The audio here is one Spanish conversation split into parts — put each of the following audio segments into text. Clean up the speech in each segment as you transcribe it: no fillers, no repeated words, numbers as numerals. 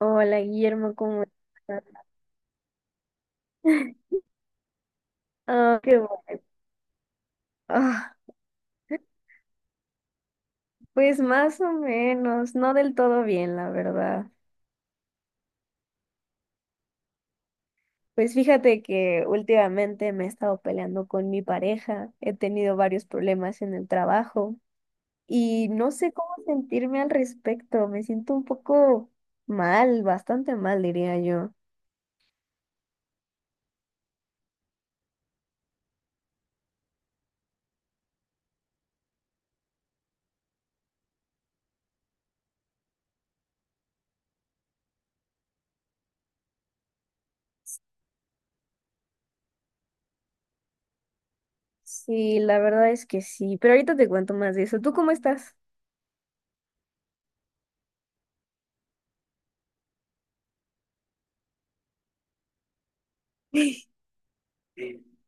Hola Guillermo, ¿cómo estás? Ah, qué bueno. Ah, pues más o menos, no del todo bien, la verdad. Pues fíjate que últimamente me he estado peleando con mi pareja, he tenido varios problemas en el trabajo y no sé cómo sentirme al respecto, me siento un poco mal, bastante mal, diría yo. Sí, la verdad es que sí, pero ahorita te cuento más de eso. ¿Tú cómo estás?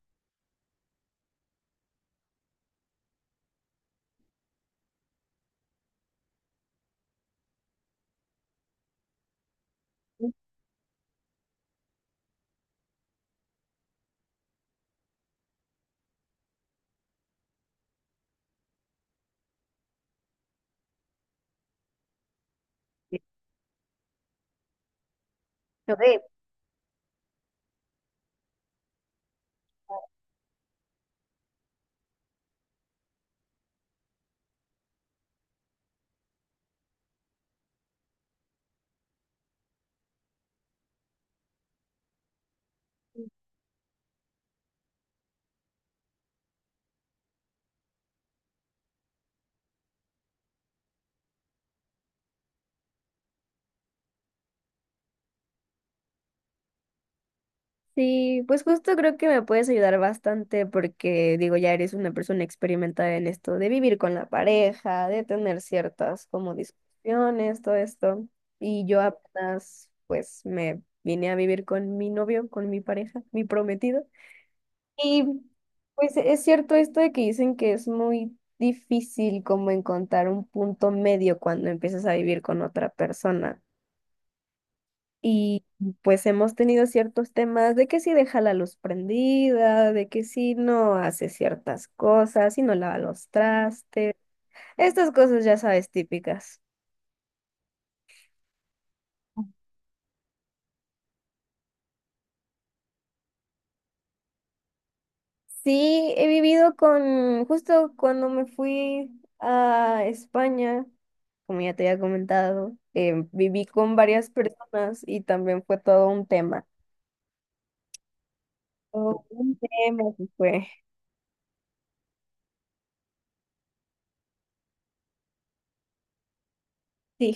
Ok. Sí, pues justo creo que me puedes ayudar bastante porque digo, ya eres una persona experimentada en esto de vivir con la pareja, de tener ciertas como discusiones, todo esto. Y yo apenas pues me vine a vivir con mi novio, con mi pareja, mi prometido. Y pues es cierto esto de que dicen que es muy difícil como encontrar un punto medio cuando empiezas a vivir con otra persona. Y pues hemos tenido ciertos temas de que si deja la luz prendida, de que si no hace ciertas cosas, si no lava los trastes, estas cosas ya sabes típicas. Sí, he vivido con, justo cuando me fui a España, como ya te había comentado, viví con varias personas y también fue todo un tema. Todo un tema que fue. Sí,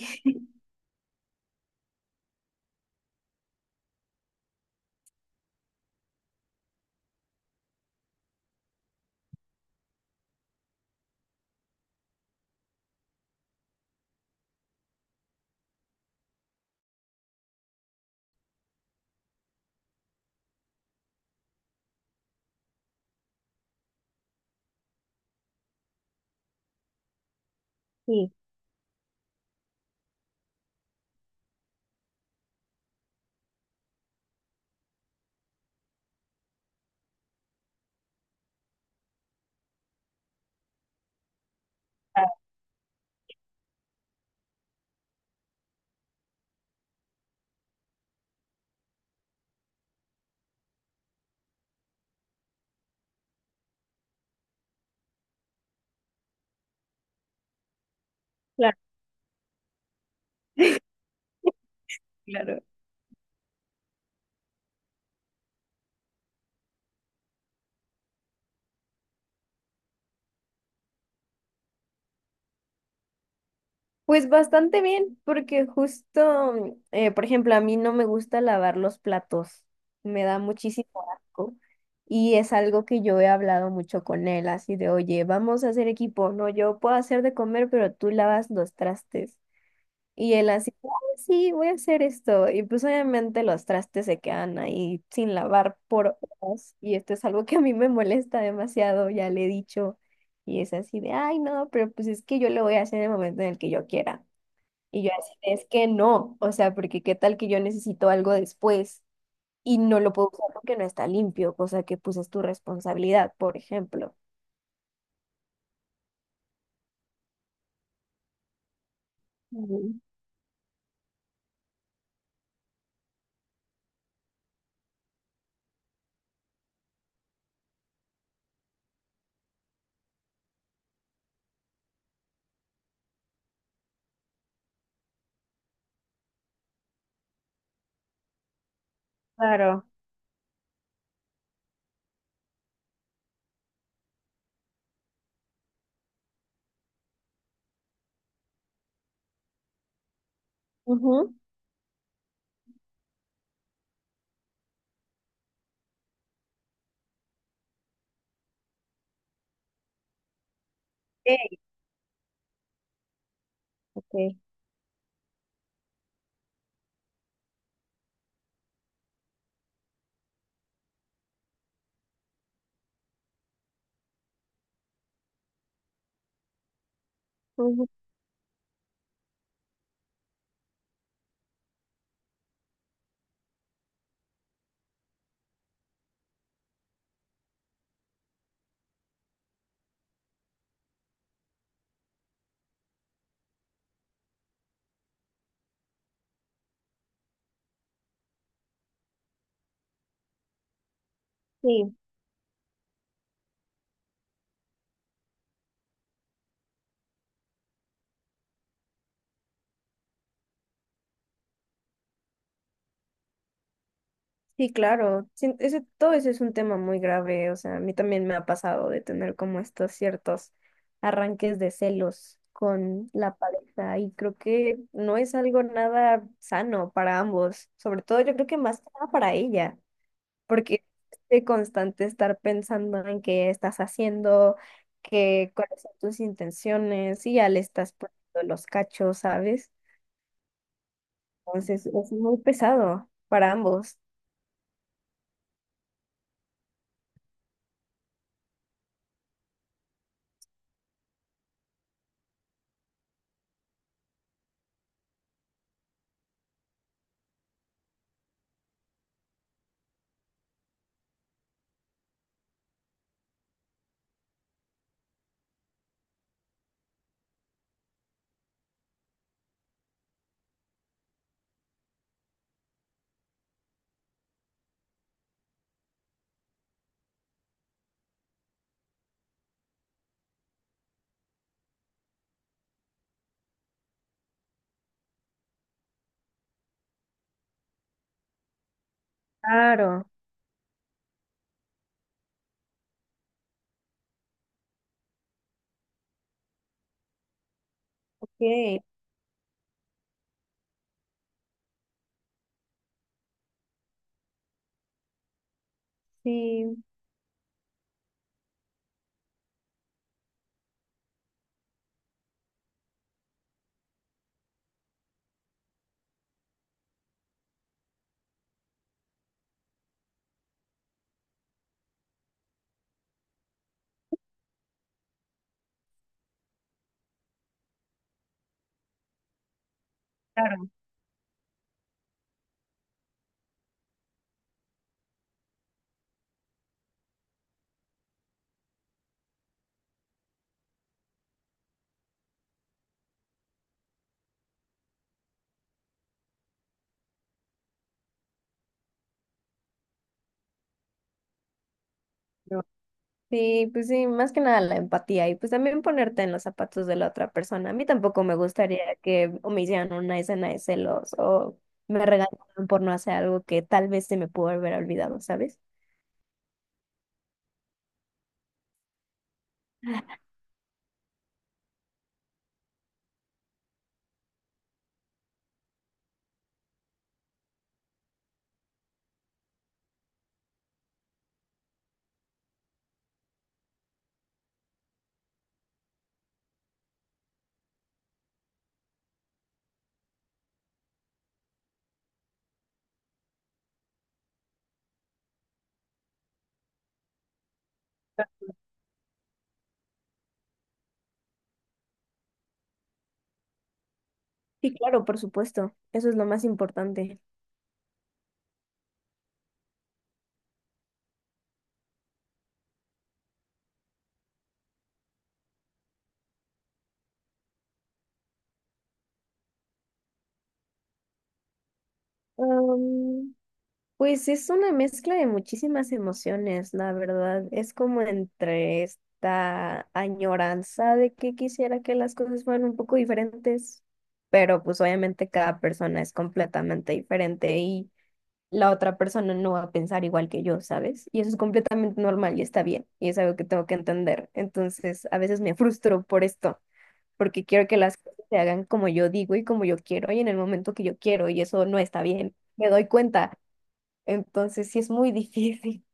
sí, ah, claro, claro. Pues bastante bien, porque justo, por ejemplo, a mí no me gusta lavar los platos, me da muchísimo asco y es algo que yo he hablado mucho con él, así de, oye, vamos a hacer equipo, no, yo puedo hacer de comer, pero tú lavas los trastes. Y él así, "Ah, sí, voy a hacer esto." Y pues obviamente los trastes se quedan ahí sin lavar por horas y esto es algo que a mí me molesta demasiado, ya le he dicho. Y es así de, ay, no, pero pues es que yo lo voy a hacer en el momento en el que yo quiera. Y yo así, es que no, o sea, porque qué tal que yo necesito algo después y no lo puedo usar porque no está limpio, cosa que pues es tu responsabilidad, por ejemplo. Mm. Claro. Ujú. Sí. Ujú. Sí. Sí, claro, sí, ese, todo eso es un tema muy grave, o sea, a mí también me ha pasado de tener como estos ciertos arranques de celos con la pareja y creo que no es algo nada sano para ambos, sobre todo yo creo que más que nada para ella. Porque es de constante estar pensando en qué estás haciendo, qué, cuáles son tus intenciones, y ya le estás poniendo los cachos, ¿sabes? Entonces es muy pesado para ambos. Claro, ok, sí. Claro, yo- sí, pues sí, más que nada la empatía y pues también ponerte en los zapatos de la otra persona. A mí tampoco me gustaría que o me hicieran una escena de celos o me regañaran por no hacer algo que tal vez se me pudo haber olvidado, ¿sabes? Sí, claro, por supuesto. Eso es lo más importante. Um, pues es una mezcla de muchísimas emociones, la verdad. Es como entre esta añoranza de que quisiera que las cosas fueran un poco diferentes, pero pues obviamente cada persona es completamente diferente y la otra persona no va a pensar igual que yo, ¿sabes? Y eso es completamente normal y está bien, y es algo que tengo que entender. Entonces, a veces me frustro por esto. Porque quiero que las cosas se hagan como yo digo y como yo quiero y en el momento que yo quiero y eso no está bien, me doy cuenta. Entonces sí es muy difícil.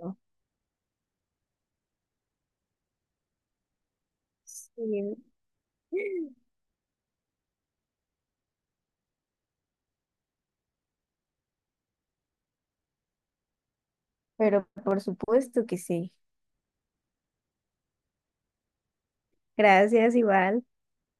¿No? Sí. Pero por supuesto que sí. Gracias, igual.